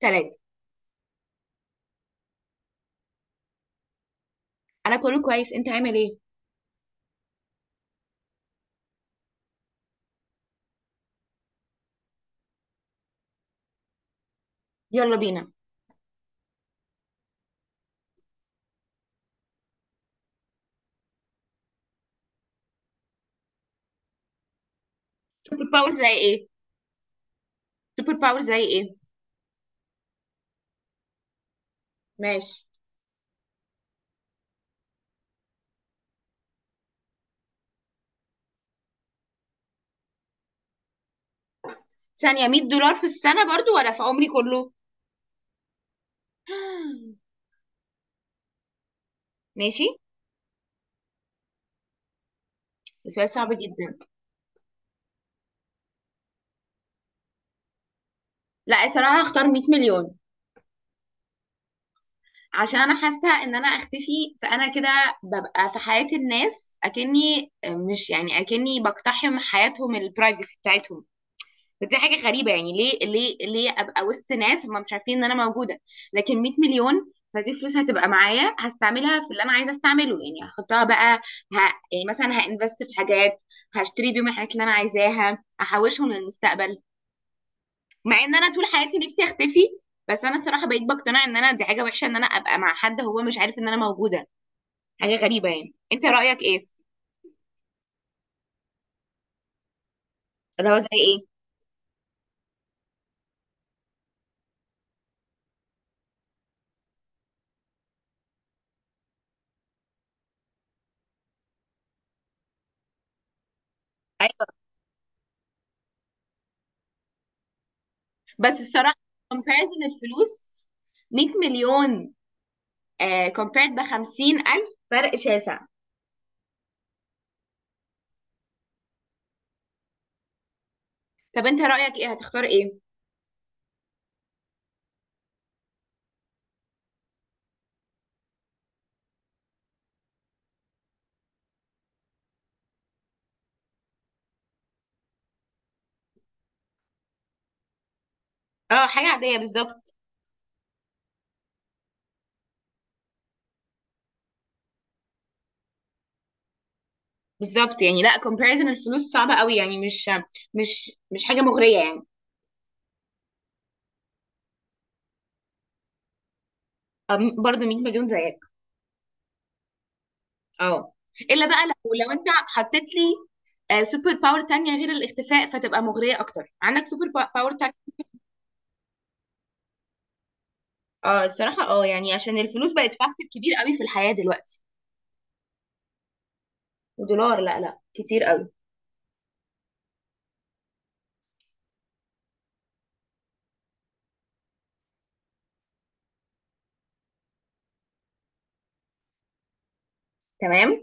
ثلاثة. أنا كله كويس، أنت عامل إيه؟ يلا بينا. سوبر باور زي إيه؟ سوبر باور زي إيه؟ ماشي. ثانية، 100 دولار في السنة برضو ولا في عمري كله؟ ماشي. بس سؤال صعب جدا. لا صراحة هختار 100 مليون. عشان أنا حاسة إن أنا أختفي فأنا كده ببقى في حياة الناس أكني مش يعني أكني بقتحم حياتهم البرايفسي بتاعتهم. فدي حاجه غريبه يعني، ليه ليه ليه ابقى وسط ناس هم مش عارفين ان انا موجوده. لكن 100 مليون، فدي فلوس هتبقى معايا هستعملها في اللي انا عايزه استعمله. يعني هحطها بقى ه... يعني مثلا هانفست في حاجات، هشتري بيهم الحاجات اللي انا عايزاها، احوشهم للمستقبل. مع ان انا طول حياتي نفسي اختفي، بس انا الصراحه بقيت بقتنع ان انا دي حاجه وحشه، ان انا ابقى مع حد هو مش عارف ان انا موجوده. حاجه غريبه يعني، انت رايك ايه؟ اللي هو زي ايه؟ ايوه، بس الصراحه comparison الفلوس، 100 مليون كومبيرد ب 50000، فرق شاسع. طب انت رأيك ايه، هتختار ايه؟ اه حاجة عادية بالظبط. بالظبط، يعني لا، comparison الفلوس صعبة قوي، يعني مش حاجة مغرية يعني. برضه 100 مليون زيك. اه. الا بقى، لو انت حطيت لي سوبر باور تانية غير الاختفاء فتبقى مغرية اكتر، عندك سوبر باور تانية؟ اه الصراحة، اه يعني عشان الفلوس بقت فاكتور كبير قوي في الحياة دلوقتي. ودولار، لا لا، كتير قوي. تمام.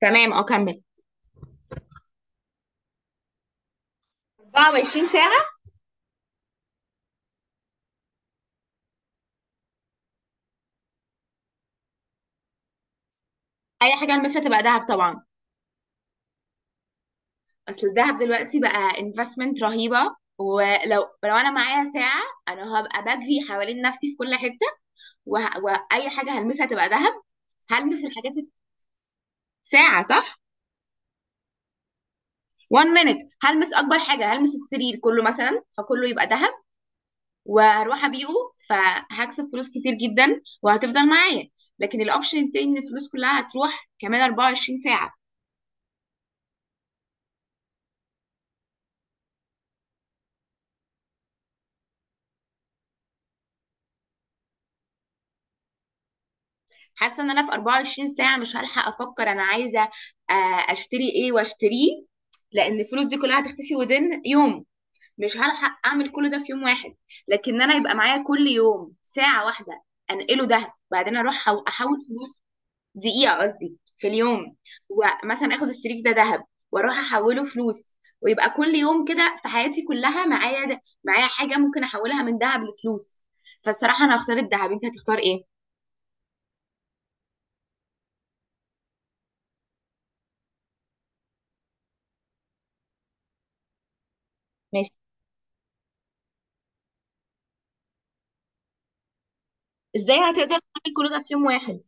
تمام اه، كمل. 24 ساعة. اي حاجة البسها تبقى دهب طبعا. اصل الذهب دلوقتي بقى investment رهيبة. ولو انا معايا ساعة، انا هبقى بجري حوالين نفسي في كل حتة، وه... واي حاجة هلمسها تبقى ذهب. هلمس الحاجات. ساعة صح؟ 1 minute. هلمس اكبر حاجة، هلمس السرير كله مثلا فكله يبقى ذهب، وهروح ابيعه، فهكسب فلوس كتير جدا وهتفضل معايا. لكن الاوبشن التاني ان الفلوس كلها هتروح كمان 24 ساعة. حاسه ان انا في 24 ساعه مش هلحق افكر انا عايزه اشتري ايه واشتريه، لان الفلوس دي كلها هتختفي وذن يوم. مش هلحق اعمل كل ده في يوم واحد. لكن انا يبقى معايا كل يوم ساعه واحده، انقله ده، بعدين اروح احول فلوس. دقيقه قصدي، في اليوم. ومثلا اخد السريك ده ذهب واروح احوله فلوس، ويبقى كل يوم كده في حياتي كلها معايا ده، معايا حاجه ممكن احولها من ذهب لفلوس. فالصراحه انا هختار الذهب، انت هتختار ايه؟ ازاي هتقدر تعمل كل ده في يوم واحد؟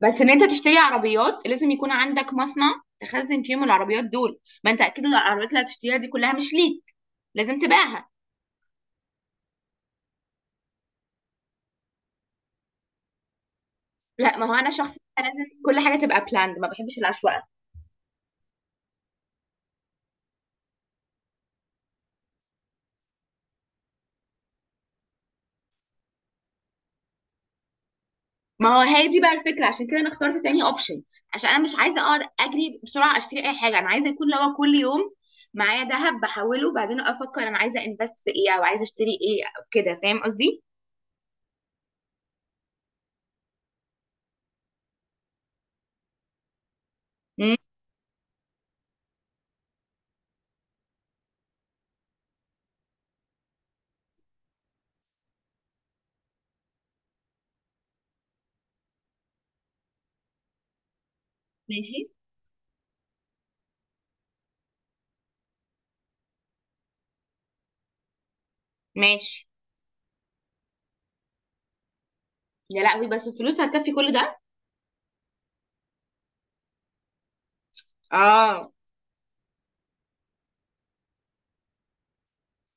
بس ان انت تشتري عربيات لازم يكون عندك مصنع تخزن فيهم العربيات دول. ما انت اكيد العربيات اللي هتشتريها دي كلها مش ليك، لازم تبيعها. لا ما هو انا شخص بقى لازم كل حاجه تبقى بلاند، ما بحبش العشوائيه. ما هو هي دي بقى الفكره، عشان كده انا اخترت تاني اوبشن، عشان انا مش عايزه اقعد اجري بسرعه اشتري اي حاجه انا عايزه، يكون لو كل يوم معايا ذهب بحوله وبعدين افكر انا عايزه انفست في ايه او عايزه اشتري ايه او كده، فاهم قصدي؟ مم، ماشي. ماشي. يا لهوي، بس الفلوس هتكفي كل ده؟ اه.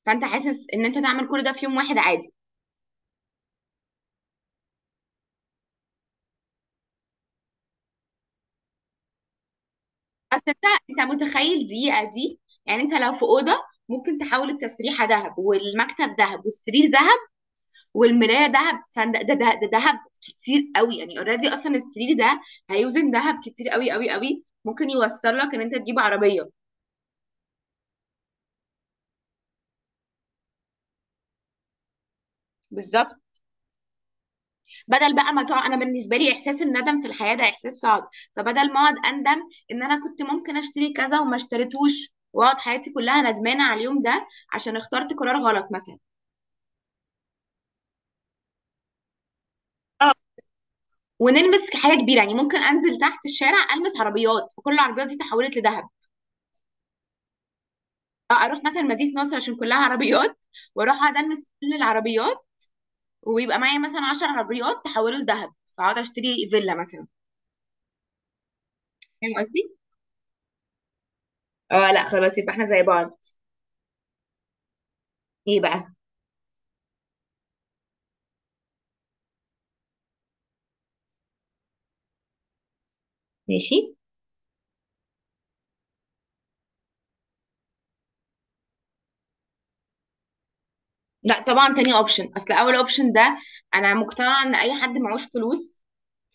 فانت حاسس ان انت تعمل كل ده في يوم واحد عادي؟ بس انت، انت متخيل دقيقه دي؟ يعني انت لو في اوضه ممكن تحول التسريحه ذهب، والمكتب ذهب، والسرير ذهب، والمرايه ذهب، فده ده ده ده ذهب كتير قوي يعني. اوريدي اصلا السرير ده هيوزن ذهب كتير قوي قوي قوي، ممكن يوصل لك ان انت تجيب عربيه. بالظبط. بدل بقى ما تقعد، انا بالنسبه لي احساس الندم في الحياه ده احساس صعب، فبدل ما اقعد اندم ان انا كنت ممكن اشتري كذا وما اشتريتوش واقعد حياتي كلها ندمانه على اليوم ده عشان اخترت قرار غلط مثلا. اه. ونلبس حاجه كبيره يعني، ممكن انزل تحت الشارع البس عربيات وكل العربيات دي تحولت لذهب. أو اروح مثلا مدينه نصر عشان كلها عربيات، واروح اقعد البس كل العربيات، ويبقى معايا مثلا 10 عربيات تحولوا لذهب، فاقعد اشتري فيلا مثلا. فاهم قصدي؟ اه لا خلاص يبقى احنا زي بعض. ايه بقى؟ ماشي. لا طبعا تاني اوبشن. اصل اول اوبشن ده، انا مقتنعه ان اي حد معهوش فلوس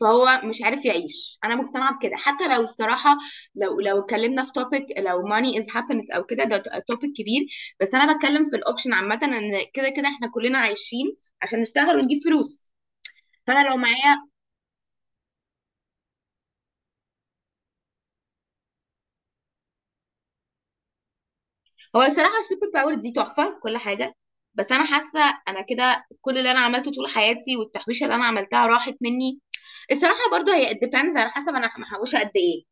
فهو مش عارف يعيش، انا مقتنعه بكده. حتى لو الصراحه، لو اتكلمنا في توبيك لو money is happiness او كده، ده توبيك كبير. بس انا بتكلم في الاوبشن عامه، ان كده كده احنا كلنا عايشين عشان نشتغل ونجيب فلوس. فانا لو معايا. هو الصراحه السوبر باور دي تحفه كل حاجه، بس انا حاسه انا كده كل اللي انا عملته طول حياتي والتحويشه اللي انا عملتها راحت مني. الصراحه برضو هي it depends على حسب انا محوشه قد ايه.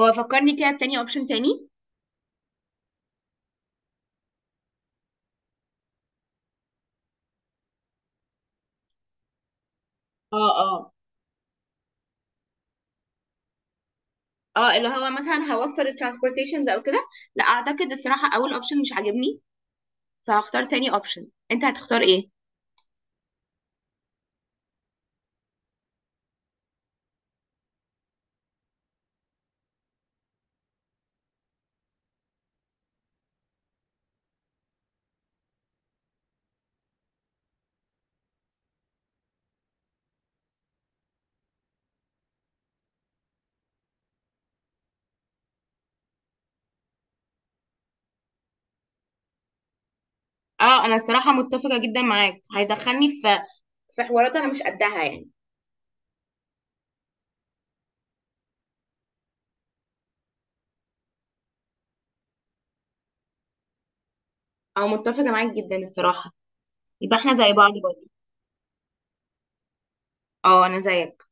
هو فكرني كده بتاني اوبشن تاني. اه اه. اه اللي هو مثلا هوفر الترانسبورتيشنز او كده. لا اعتقد الصراحه اول اوبشن مش عاجبني، فهختار تاني اوبشن. انت هتختار ايه؟ اه انا الصراحه متفقه جدا معاك، هيدخلني في حوارات انا مش قدها يعني. او متفقه معاك جدا الصراحه، يبقى احنا زي بعض برضه. اه انا زيك.